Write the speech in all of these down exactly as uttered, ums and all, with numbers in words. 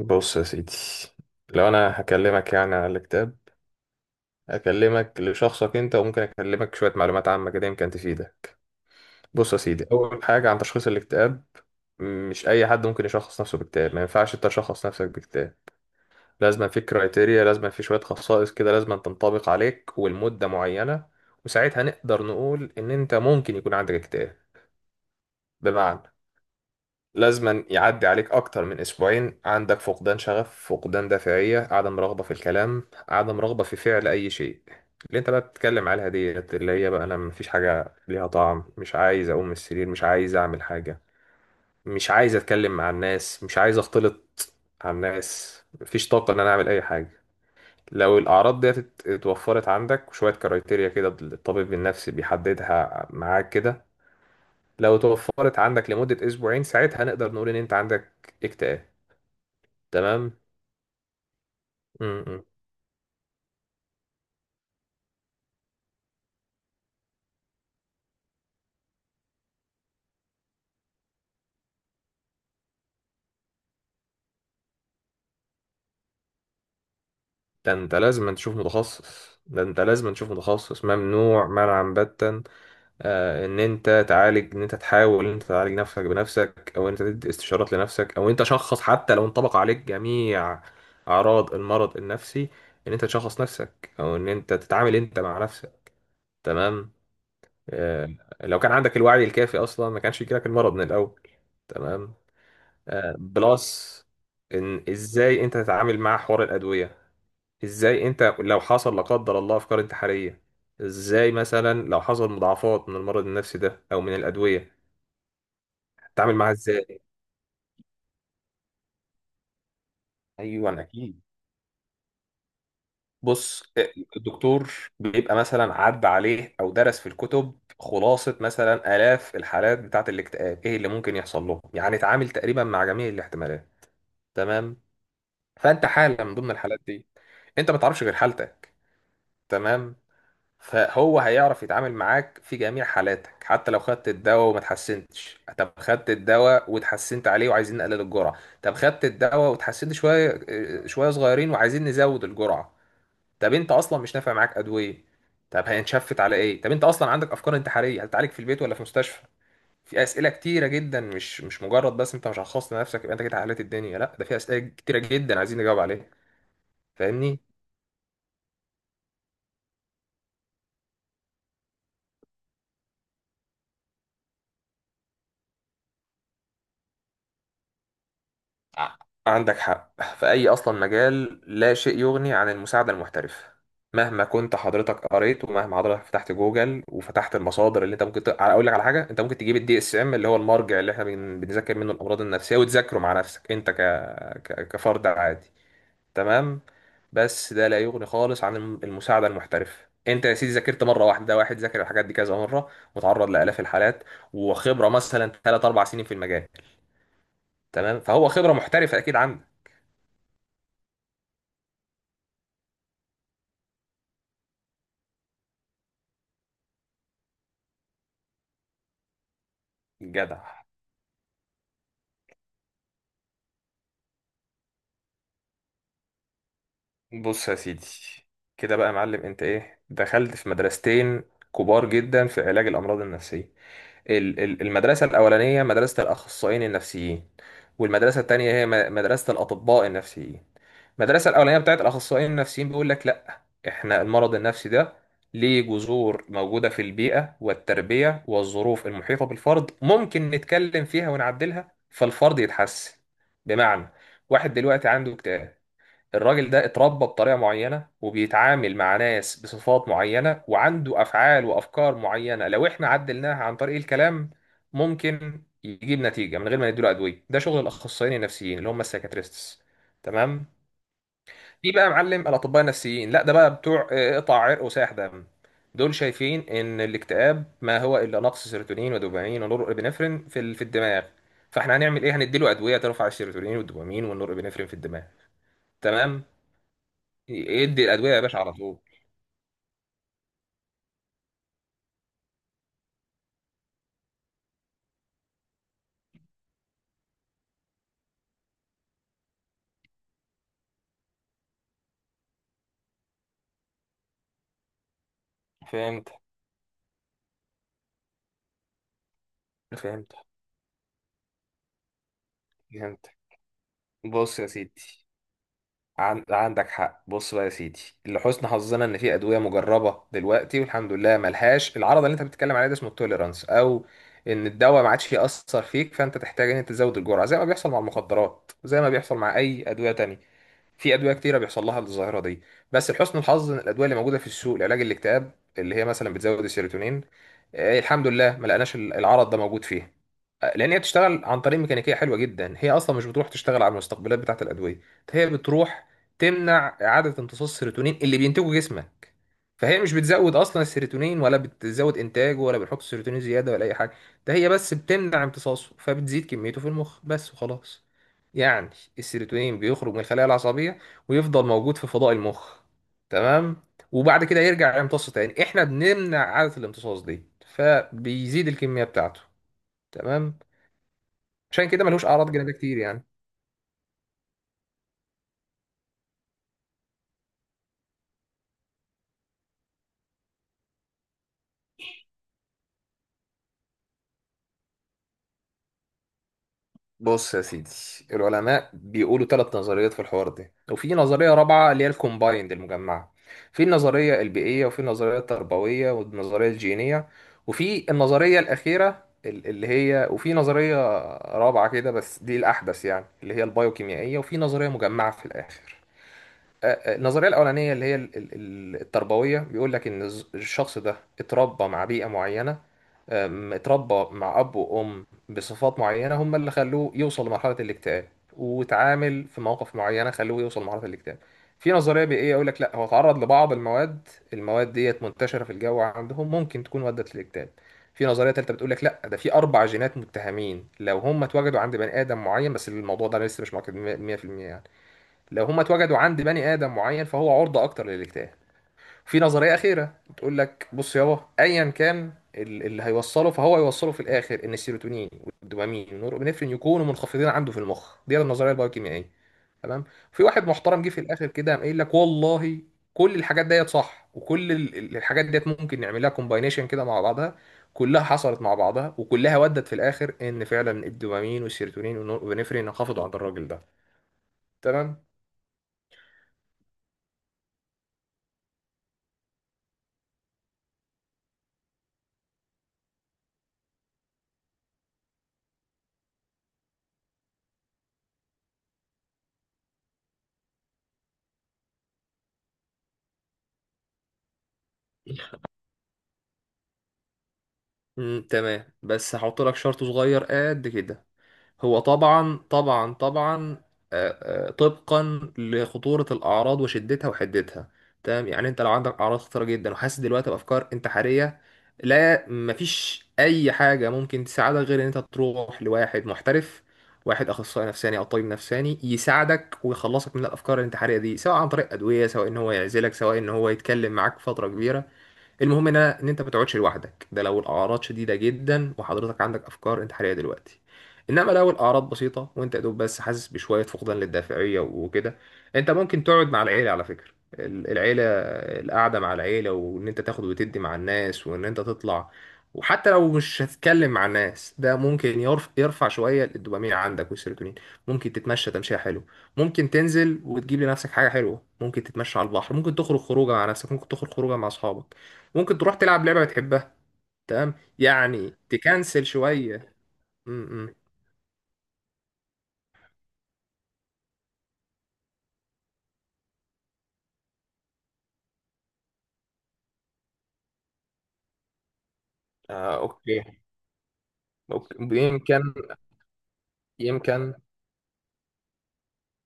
بص يا سيدي، لو انا هكلمك يعني على الكتاب هكلمك لشخصك انت، وممكن اكلمك شويه معلومات عامه كده يمكن تفيدك. بص يا سيدي، اول حاجه عن تشخيص الاكتئاب، مش اي حد ممكن يشخص نفسه باكتئاب، ما ينفعش انت تشخص نفسك باكتئاب. لازم في كرايتيريا، لازم في شويه خصائص كده لازم تنطبق عليك ولمده معينه، وساعتها نقدر نقول ان انت ممكن يكون عندك اكتئاب. بمعنى لازما يعدي عليك أكتر من أسبوعين، عندك فقدان شغف، فقدان دافعية، عدم رغبة في الكلام، عدم رغبة في فعل أي شيء. اللي أنت بقى بتتكلم عليها دي اللي هي بقى أنا مفيش حاجة ليها طعم، مش عايز أقوم من السرير، مش عايز أعمل حاجة، مش عايز أتكلم مع الناس، مش عايز أختلط مع الناس، مفيش طاقة إن أنا أعمل أي حاجة. لو الأعراض دي ات- اتوفرت عندك وشوية كرايتيريا كده الطبيب النفسي بيحددها معاك كده، لو توفرت عندك لمدة أسبوعين، ساعتها نقدر نقول إن أنت عندك اكتئاب. تمام. امم ده انت لازم تشوف متخصص، ده انت لازم تشوف متخصص، ممنوع منعا باتا آه ان انت تعالج، ان انت تحاول ان انت تعالج نفسك بنفسك، او ان انت تدي استشارات لنفسك، او انت شخص حتى لو انطبق عليك جميع اعراض المرض النفسي ان انت تشخص نفسك او ان انت تتعامل انت مع نفسك. تمام. آه، لو كان عندك الوعي الكافي اصلا ما كانش يجيلك المرض من الاول. تمام. آه بلس ان ازاي انت تتعامل مع حوار الادويه، ازاي انت لو حصل لا قدر الله افكار انتحاريه، ازاي مثلا لو حصل مضاعفات من المرض النفسي ده او من الادويه تتعامل معاها ازاي. ايوه اكيد. بص، الدكتور بيبقى مثلا عدى عليه او درس في الكتب خلاصه مثلا الاف الحالات بتاعه الاكتئاب ايه اللي ممكن يحصل لهم، يعني اتعامل تقريبا مع جميع الاحتمالات. تمام. فانت حاله من ضمن الحالات دي، انت ما تعرفش غير حالتك. تمام. فهو هيعرف يتعامل معاك في جميع حالاتك، حتى لو خدت الدواء وما اتحسنتش، طب خدت الدواء واتحسنت عليه وعايزين نقلل الجرعة، طب خدت الدواء واتحسنت شوية، آه، شوية صغيرين وعايزين نزود الجرعة، طب انت اصلا مش نافع معاك ادوية، طب هنشفت على ايه، طب انت اصلا عندك افكار انتحارية هتتعالج في البيت ولا في مستشفى؟ في اسئلة كتيرة جدا، مش مش مجرد بس انت مش هتخصص لنفسك يبقى انت كده حليت الدنيا، لا ده في اسئلة كتيرة جدا عايزين نجاوب عليها. فاهمني؟ ع- عندك حق في أي أصلا مجال، لا شيء يغني عن المساعدة المحترفة. مهما كنت حضرتك قريت ومهما حضرتك فتحت جوجل وفتحت المصادر اللي انت ممكن ت... اقول لك على حاجه، انت ممكن تجيب الدي اس ام اللي هو المرجع اللي احنا بن... بنذاكر منه الامراض النفسيه وتذاكره مع نفسك انت ك... ك... كفرد عادي. تمام. بس ده لا يغني خالص عن الم- المساعده المحترفه، انت يا سيدي ذاكرت مره واحده، واحد ذاكر الحاجات دي كذا مره وتعرض لالاف الحالات وخبره مثلا ثلاث اربعة سنين في المجال. تمام، فهو خبره محترفه اكيد عنده. جدع. بص يا سيدي، كده بقى يا معلم انت ايه، دخلت في مدرستين كبار جدا في علاج الامراض النفسيه. ال- ال- المدرسه الاولانيه مدرسه الاخصائيين النفسيين، والمدرسه التانية هي م- مدرسه الاطباء النفسيين. المدرسه الاولانيه بتاعت الاخصائيين النفسيين بيقول لك لا، احنا المرض النفسي ده ليه جذور موجوده في البيئه والتربيه والظروف المحيطه بالفرد، ممكن نتكلم فيها ونعدلها فالفرد يتحسن. بمعنى، واحد دلوقتي عنده اكتئاب، الراجل ده اتربى بطريقة معينة وبيتعامل مع ناس بصفات معينة وعنده أفعال وأفكار معينة، لو إحنا عدلناها عن طريق الكلام ممكن يجيب نتيجة من غير ما نديله أدوية. ده شغل الأخصائيين النفسيين اللي هم السايكاتريستس. تمام. في بقى معلم الأطباء النفسيين، لا ده بقى بتوع آه، قطع عرق وساح دم. دول شايفين إن الاكتئاب ما هو إلا نقص سيروتونين ودوبامين ونورابينفرين في ال- في الدماغ. فإحنا هنعمل إيه؟ هنديله أدوية ترفع السيروتونين والدوبامين والنورابينفرين في الدماغ. تمام. يدي الادويه يا باشا على طول. فهمت. فهمت. فهمت. بص يا سيدي، عن... عندك حق. بص بقى يا سيدي، لحسن حظنا ان في ادويه مجربه دلوقتي والحمد لله ملهاش العرض اللي انت بتتكلم عليه ده، اسمه التوليرانس، او ان الدواء ما عادش ياثر فيك فانت تحتاج ان انت تزود الجرعه زي ما بيحصل مع المخدرات، زي ما بيحصل مع اي ادويه تانية. في ادويه كتيره بيحصل لها الظاهره دي، بس لحسن الحظ ان الادويه اللي موجوده في السوق لعلاج الاكتئاب اللي هي مثلا بتزود السيروتونين، آه، الحمد لله ما لقناش العرض ده موجود فيها. لان هي بتشتغل عن طريق ميكانيكيه حلوه جدا، هي اصلا مش بتروح تشتغل على المستقبلات بتاعه الادويه، هي بتروح تمنع اعاده امتصاص السيروتونين اللي بينتجه جسمك. فهي مش بتزود اصلا السيروتونين، ولا بتزود انتاجه، ولا بتحط السيروتونين زياده، ولا اي حاجه، ده هي بس بتمنع امتصاصه فبتزيد كميته في المخ بس وخلاص. يعني السيروتونين بيخرج من الخلايا العصبيه ويفضل موجود في فضاء المخ، تمام، وبعد كده يرجع يمتص تاني، احنا بنمنع عاده الامتصاص دي فبيزيد الكميه بتاعته. تمام. عشان كده ملوش اعراض جانبيه كتير يعني. بص يا سيدي، العلماء بيقولوا ثلاث نظريات في الحوار ده، وفي نظريه رابعه اللي هي الكومبايند المجمعه. في النظريه البيئيه، وفي النظريه التربويه، والنظريه الجينيه، وفي النظريه الاخيره ال- اللي هي وفي نظريه رابعه كده بس دي الاحدث يعني اللي هي البايوكيميائيه، وفي نظريه مجمعه في الاخر. آه، آه، النظريه الاولانيه اللي هي ال- ال- ال- التربويه، بيقول لك ان الز- الشخص ده اتربى مع بيئه معينه، أم، اتربى مع اب وام بصفات معينه هم اللي خلوه يوصل لمرحله الاكتئاب، واتعامل في مواقف معينه خلوه يوصل لمرحله الاكتئاب. في نظريه بيئيه يقول لك لا، هو اتعرض لبعض المواد، المواد ديت منتشره في الجو عندهم ممكن تكون ودت للاكتئاب. في نظريه ثالثه بتقول لك لا، ده في اربع جينات متهمين لو هم اتوجدوا عند بني ادم معين، بس الموضوع ده لسه مش مؤكد مية في المية يعني. لو هم اتوجدوا عند بني آدم معين فهو عرضة أكتر للاجتهاد. في نظرية أخيرة بتقول لك بص يابا، أيا كان ال- اللي هيوصله فهو هيوصله في الآخر إن السيروتونين والدوبامين والنورابينفرين يكونوا منخفضين عنده في المخ، دي النظرية البايوكيميائية. تمام. في واحد محترم جه في الآخر كده قام قايل لك والله كل الحاجات ديت صح وكل ال- ال- الحاجات ديت ممكن نعملها كومباينيشن كده مع بعضها، كلها حصلت مع بعضها وكلها ودت في الآخر إن فعلا الدوبامين والسيروتونين والنورابينفرين انخفضوا عند الراجل ده. تمام. امم تمام، بس هحط لك شرط صغير قد كده. هو طبعا طبعا طبعا آه، آه، طبقا لخطورة الأعراض وشدتها وحدتها. تمام، يعني أنت لو عندك أعراض خطيرة جدا وحاسس دلوقتي بأفكار انتحارية، لا مفيش أي حاجة ممكن تساعدك غير إن أنت تروح لواحد محترف، واحد أخصائي نفساني أو طبيب نفساني يساعدك ويخلصك من الأفكار الانتحارية دي، سواء عن طريق أدوية، سواء إن هو يعزلك، سواء إن هو يتكلم معاك فترة كبيرة. المهم ان أنا- ان انت ما تقعدش لوحدك، ده لو الاعراض شديده جدا وحضرتك عندك افكار انتحاريه دلوقتي. انما لو الاعراض بسيطه وانت يا دوب بس حاسس بشويه فقدان للدافعيه وكده، انت ممكن تقعد مع العيله. على فكره ال- العيله، القعده مع العيله، وان انت تاخد وتدي مع الناس، وان انت تطلع، وحتى لو مش هتتكلم مع الناس ده ممكن يرف- يرفع شويه الدوبامين عندك والسيروتونين. ممكن تتمشى تمشيه حلو، ممكن تنزل وتجيب لنفسك حاجه حلوه، ممكن تتمشى على البحر، ممكن تخرج خروجه مع نفسك، ممكن تخرج خروجه مع اصحابك، ممكن تروح تلعب لعبة بتحبها. تمام، يعني تكنسل شوية. م -م. آه أوكي. أوكي. يمكن. يمكن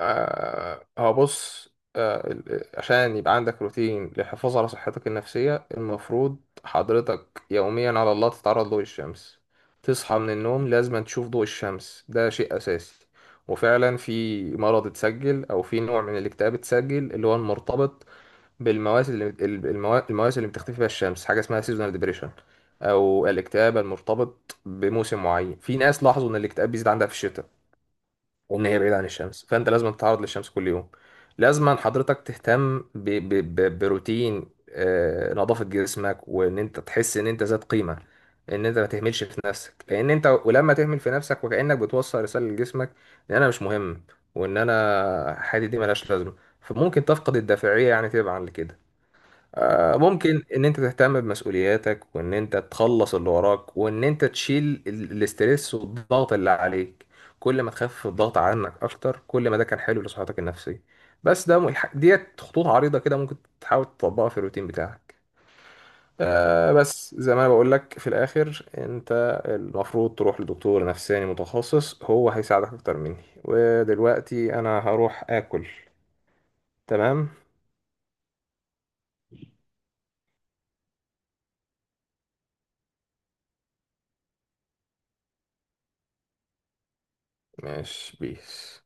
آه، هو بص، آه ال- ال- عشان يبقى عندك روتين للحفاظ على صحتك النفسية، المفروض حضرتك يوميا على الله تتعرض لضوء الشمس، تصحى من النوم لازم تشوف ضوء الشمس، ده شيء أساسي. وفعلا في مرض اتسجل أو في نوع من الاكتئاب اتسجل اللي هو المرتبط بالمواسم، اللي ال- الموا- المواسم اللي بتختفي فيها الشمس، حاجه اسمها سيزونال ديبريشن او الاكتئاب المرتبط بموسم معين. في ناس لاحظوا ان الاكتئاب بيزيد عندها في الشتاء وان هي بعيده عن الشمس، فانت لازم تتعرض للشمس كل يوم. لازم حضرتك تهتم ب... ب... ب... بروتين آه، نظافه جسمك وان انت تحس ان انت ذات قيمه، ان انت ما تهملش في نفسك، لان انت ولما تهمل في نفسك وكانك بتوصل رساله لجسمك ان انا مش مهم وان انا حياتي دي ملهاش لازمه، فممكن تفقد الدافعيه يعني تبعا لكده. آه، ممكن ان انت تهتم بمسؤولياتك، وان انت تخلص اللي وراك، وان انت تشيل ال- الاسترس والضغط اللي عليك. كل ما تخفف الضغط عنك اكتر كل ما ده كان حلو لصحتك النفسية. بس ده م- الح- ديت خطوط عريضة كده ممكن تحاول تطبقها في الروتين بتاعك. آه بس زي ما انا بقول لك في الاخر، انت المفروض تروح لدكتور نفساني متخصص، هو هيساعدك اكتر مني، ودلوقتي انا هروح اكل. تمام. ماشي بيس.